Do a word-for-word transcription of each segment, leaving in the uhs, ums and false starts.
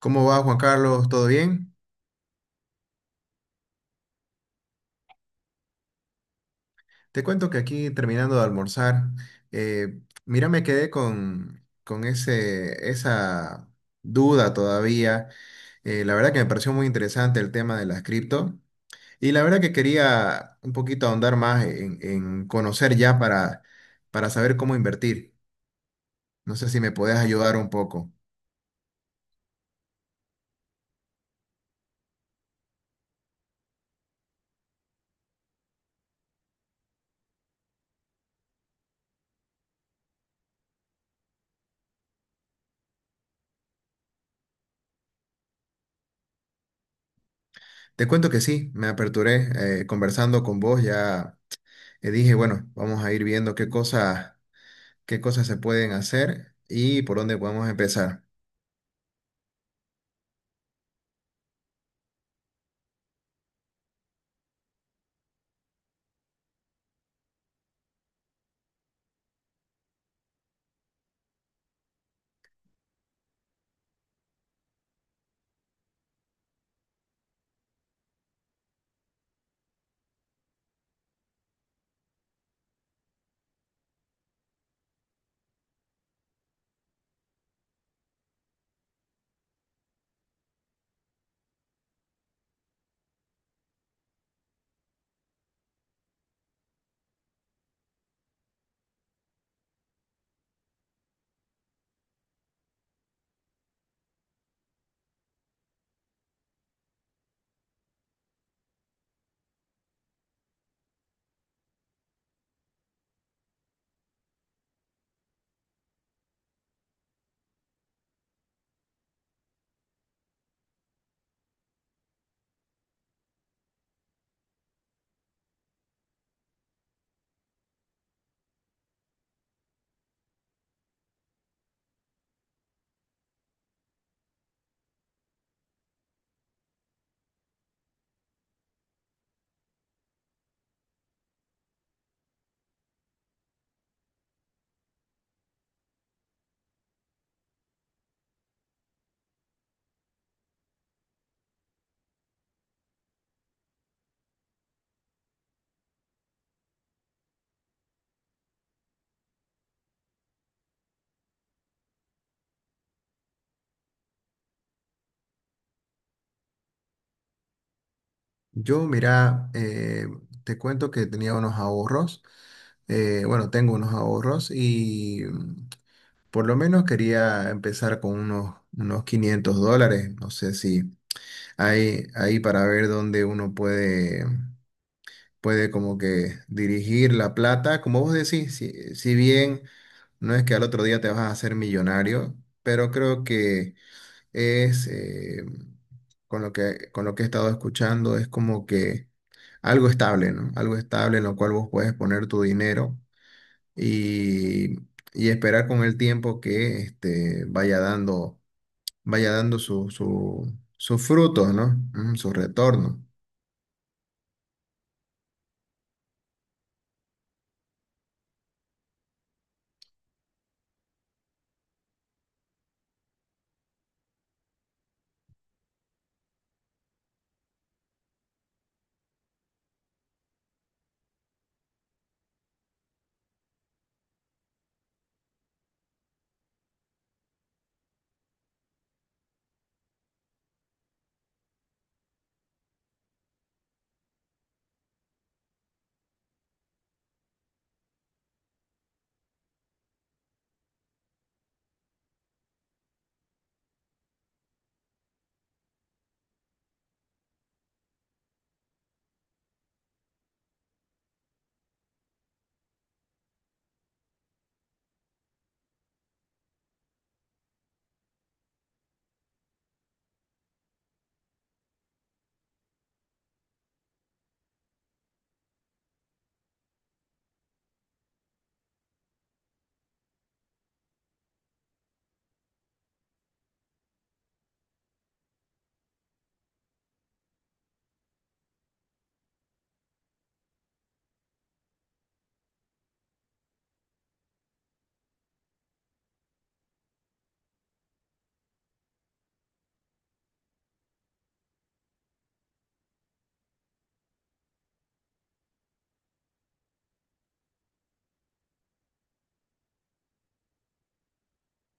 ¿Cómo va Juan Carlos? ¿Todo bien? Te cuento que aquí terminando de almorzar, eh, mira, me quedé con, con ese, esa duda todavía. Eh, la verdad que me pareció muy interesante el tema de las cripto y la verdad que quería un poquito ahondar más en, en conocer ya para, para saber cómo invertir. No sé si me podés ayudar un poco. Te cuento que sí, me aperturé eh, conversando con vos, ya eh, dije, bueno, vamos a ir viendo qué cosas qué cosas se pueden hacer y por dónde podemos empezar. Yo, mira, eh, te cuento que tenía unos ahorros, eh, bueno, tengo unos ahorros y mm, por lo menos quería empezar con unos, unos quinientos dólares, no sé si hay ahí para ver dónde uno puede, puede como que dirigir la plata, como vos decís, si, si bien no es que al otro día te vas a hacer millonario, pero creo que es, eh, con lo que, con lo que he estado escuchando, es como que algo estable, ¿no? Algo estable en lo cual vos puedes poner tu dinero y, y esperar con el tiempo que este, vaya dando, vaya dando su- su- sus frutos, ¿no? Mm, su retorno.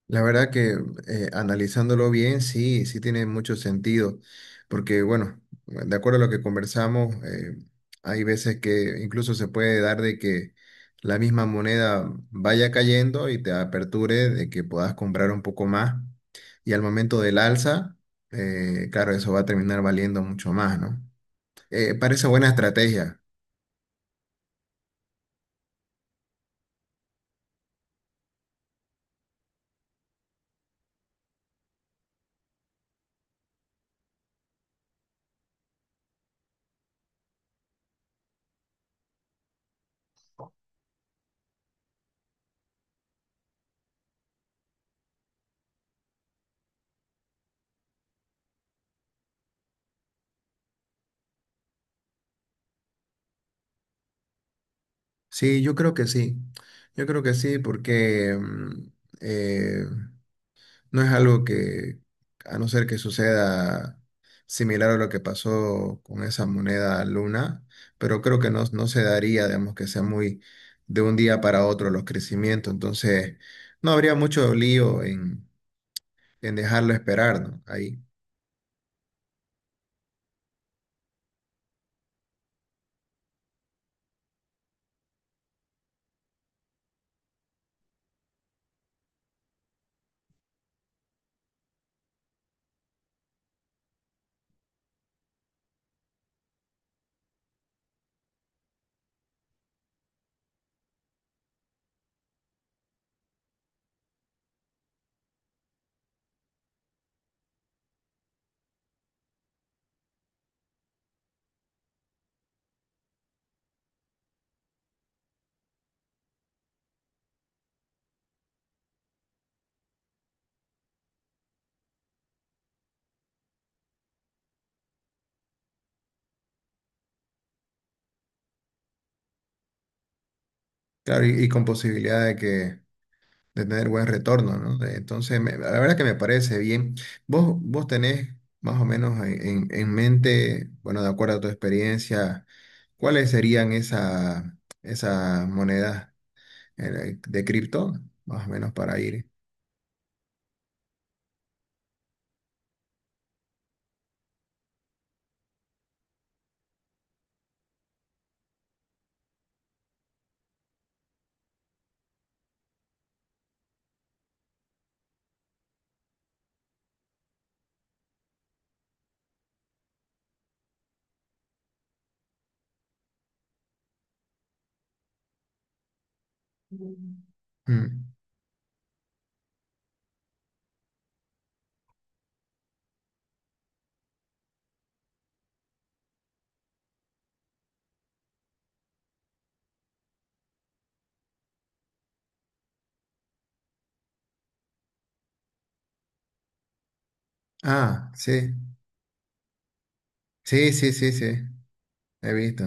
La verdad que eh, analizándolo bien, sí, sí tiene mucho sentido, porque bueno, de acuerdo a lo que conversamos, eh, hay veces que incluso se puede dar de que la misma moneda vaya cayendo y te aperture de que puedas comprar un poco más, y al momento del alza, eh, claro, eso va a terminar valiendo mucho más, ¿no? Eh, parece buena estrategia. Sí, yo creo que sí, yo creo que sí, porque mm, eh, no es algo que, a no ser que suceda similar a lo que pasó con esa moneda luna, pero creo que no, no se daría, digamos, que sea muy de un día para otro los crecimientos. Entonces, no habría mucho lío en, en dejarlo esperar, ¿no? Ahí. Claro, y, y con posibilidad de que de tener buen retorno, ¿no? De- Entonces, me- la verdad que me parece bien. Vos, vos tenés más o menos en, en- en mente, bueno, de acuerdo a tu experiencia, ¿cuáles serían esa, esas monedas eh, de cripto? Más o menos para ir. Mm. Ah, sí, sí, sí, sí, sí, he visto.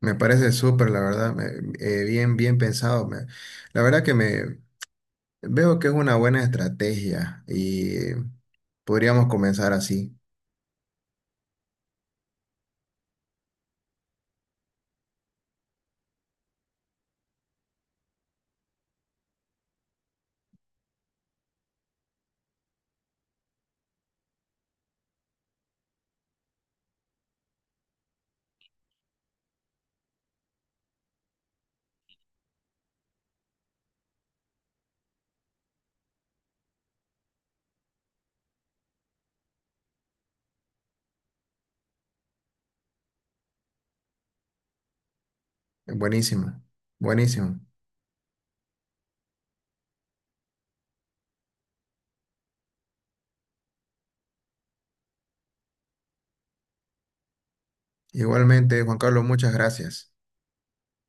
Me parece súper, la verdad, me- eh, bien, bien pensado. Me- la verdad que me veo que es una buena estrategia y podríamos comenzar así. Buenísimo, buenísimo. Igualmente, Juan Carlos, muchas gracias.